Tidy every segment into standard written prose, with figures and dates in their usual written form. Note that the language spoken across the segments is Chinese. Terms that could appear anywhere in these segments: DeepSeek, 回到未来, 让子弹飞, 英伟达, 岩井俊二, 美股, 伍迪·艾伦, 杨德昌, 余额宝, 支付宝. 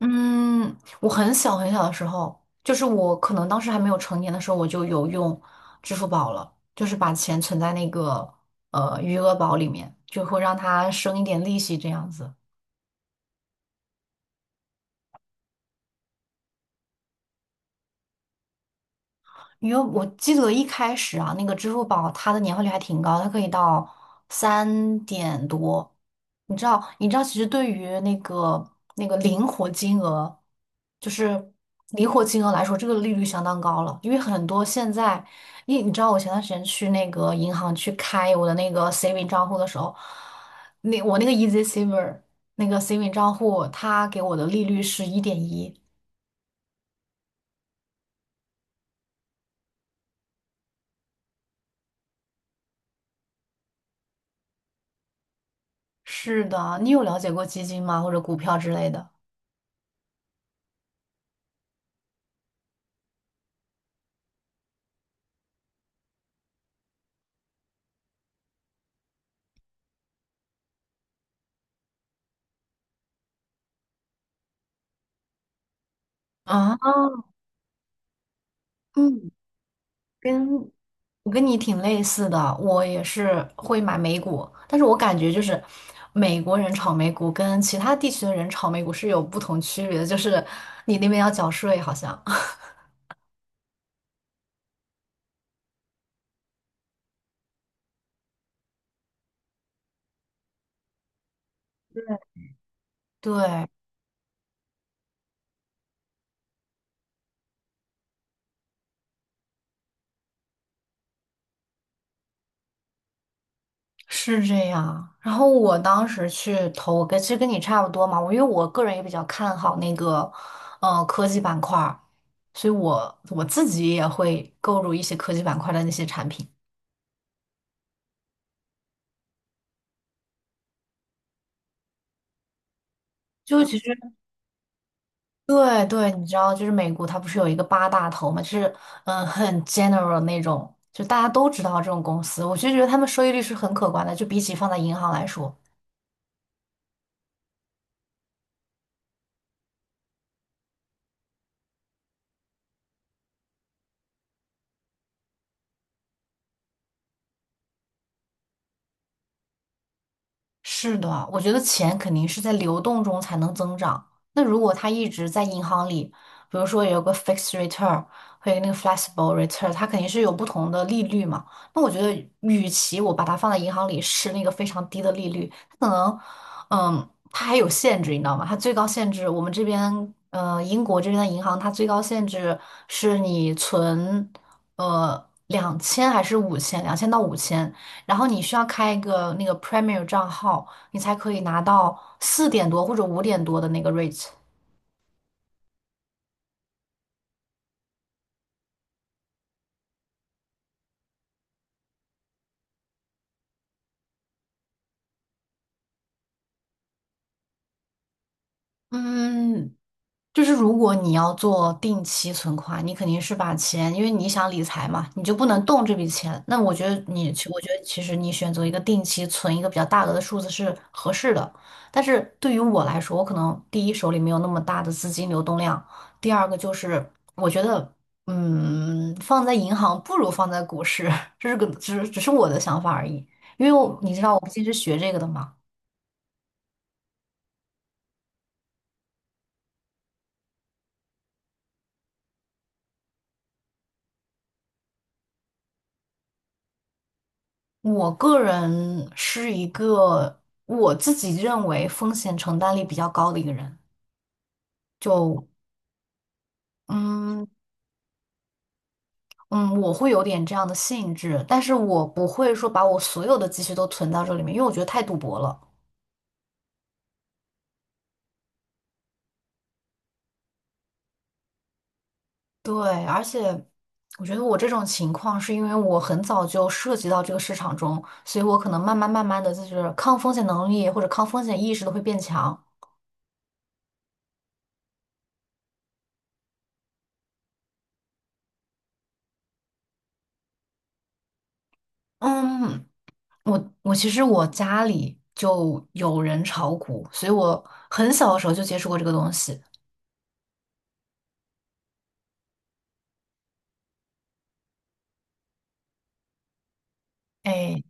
嗯，我很小很小的时候，就是我可能当时还没有成年的时候，我就有用支付宝了，就是把钱存在那个余额宝里面，就会让它生一点利息这样子。因为我记得一开始啊，那个支付宝它的年化率还挺高，它可以到三点多。你知道，其实对于那个灵活金额，就是灵活金额来说，这个利率相当高了。因为很多现在，因为你知道，我前段时间去那个银行去开我的那个 saving 账户的时候，那我那个 Easy Saver 那个 saving 账户，它给我的利率是1.1。是的，你有了解过基金吗？或者股票之类的？啊，嗯，跟我跟你挺类似的，我也是会买美股，但是我感觉就是美国人炒美股跟其他地区的人炒美股是有不同区别的，就是你那边要缴税，好像。对，是这样。然后我当时去投，其实跟你差不多嘛。因为我个人也比较看好那个，科技板块儿所以我自己也会购入一些科技板块的那些产品。就其实对对，你知道，就是美国它不是有一个八大头嘛，就是很 general 那种，就大家都知道这种公司，我就觉得他们收益率是很可观的，就比起放在银行来说。是的，我觉得钱肯定是在流动中才能增长。那如果它一直在银行里，比如说有个 fixed return 和一个那个 flexible return，它肯定是有不同的利率嘛。那我觉得，与其我把它放在银行里是那个非常低的利率，它可能，它还有限制，你知道吗？它最高限制，我们这边，英国这边的银行，它最高限制是你存，两千还是五千，两千到五千。然后你需要开一个那个 Premier 账号，你才可以拿到四点多或者五点多的那个 rate。嗯，就是如果你要做定期存款，你肯定是把钱，因为你想理财嘛，你就不能动这笔钱。那我觉得你，其我觉得其实你选择一个定期存一个比较大额的数字是合适的。但是对于我来说，我可能第一手里没有那么大的资金流动量，第二个就是我觉得，放在银行不如放在股市，这是个只是我的想法而已。因为我你知道我不竟是学这个的嘛。我个人是一个我自己认为风险承担力比较高的一个人，就嗯嗯，我会有点这样的性质，但是我不会说把我所有的积蓄都存到这里面，因为我觉得太赌博了。对，而且我觉得我这种情况是因为我很早就涉及到这个市场中，所以我可能慢慢慢慢的就是抗风险能力或者抗风险意识都会变强。嗯，我其实我家里就有人炒股，所以我很小的时候就接触过这个东西。哎，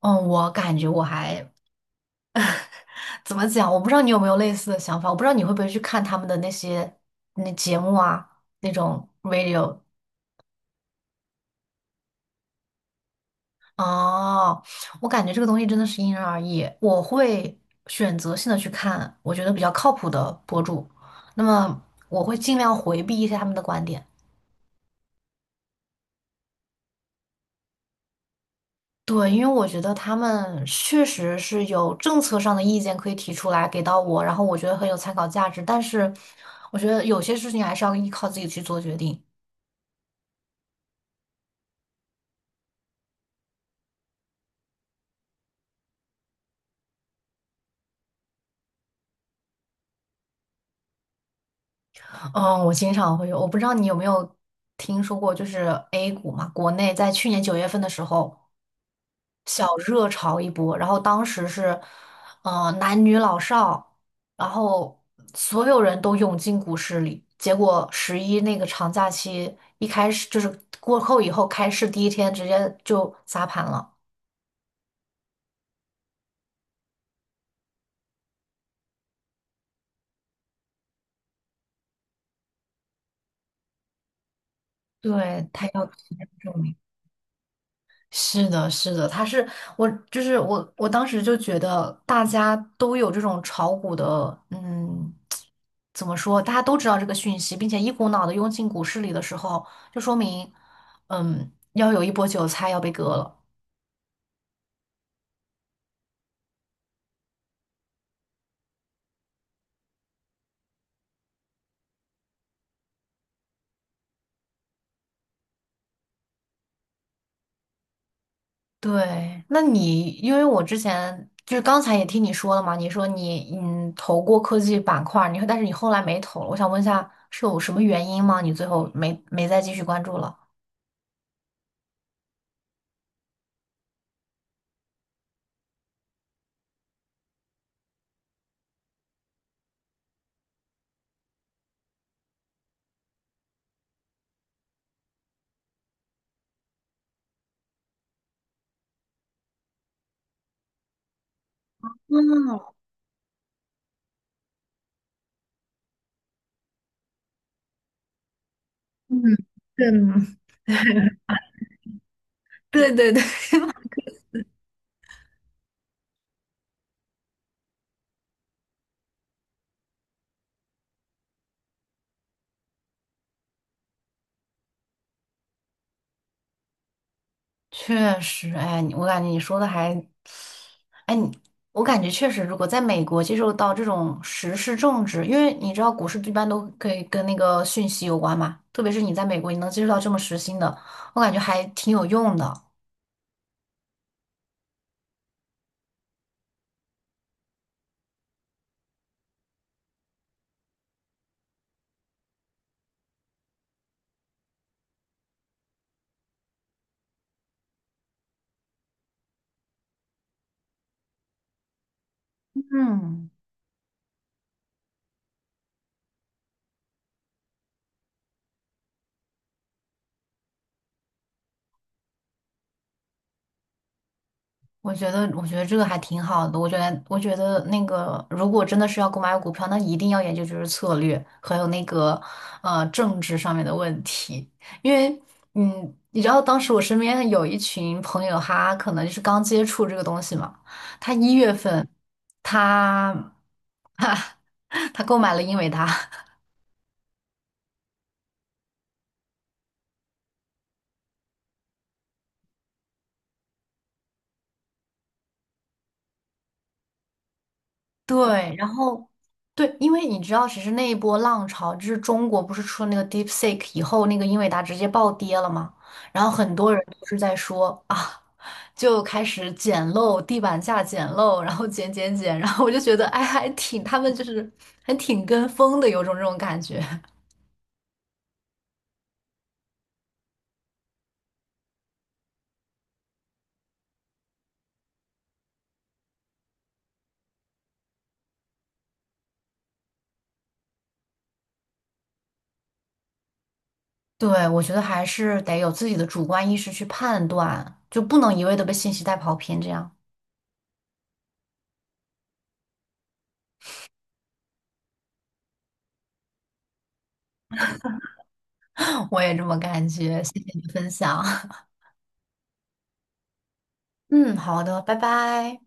嗯，我感觉我还怎么讲？我不知道你有没有类似的想法，我不知道你会不会去看他们的那些节目啊，那种 radio。哦，我感觉这个东西真的是因人而异。我会选择性的去看我觉得比较靠谱的博主，那么我会尽量回避一些他们的观点。对，因为我觉得他们确实是有政策上的意见可以提出来给到我，然后我觉得很有参考价值。但是，我觉得有些事情还是要依靠自己去做决定。嗯，我经常会有，我不知道你有没有听说过，就是 A 股嘛，国内在去年九月份的时候。小热潮一波，然后当时是，男女老少，然后所有人都涌进股市里。结果十一那个长假期一开始就是过后以后开市第一天直接就砸盘了，对，他要提前证明。是的，是的，他是我，就是我，当时就觉得大家都有这种炒股的，怎么说？大家都知道这个讯息，并且一股脑的涌进股市里的时候，就说明，要有一波韭菜要被割了。对，那你因为我之前就是刚才也听你说了嘛，你说你投过科技板块儿，你说但是你后来没投了，我想问一下是有什么原因吗？你最后没再继续关注了？嗯，对对确实，哎，你我感觉你说的还，哎，你我感觉确实，如果在美国接受到这种时事政治，因为你知道股市一般都可以跟那个讯息有关嘛，特别是你在美国，你能接触到这么时兴的，我感觉还挺有用的。嗯。我觉得这个还挺好的。我觉得那个，如果真的是要购买股票，那一定要研究就是策略，还有那个政治上面的问题。因为，你知道当时我身边有一群朋友，他可能就是刚接触这个东西嘛。他一月份，他 他购买了英伟达，对，然后对，因为你知道，其实那一波浪潮，就是中国不是出了那个 DeepSeek 以后，那个英伟达直接暴跌了嘛，然后很多人都是在说啊，就开始捡漏，地板价捡漏，然后捡捡捡，然后我就觉得，哎，还挺，他们就是还挺跟风的，有种这种感觉。对，我觉得还是得有自己的主观意识去判断，就不能一味的被信息带跑偏，这样。我也这么感觉，谢谢你的分享。嗯，好的，拜拜。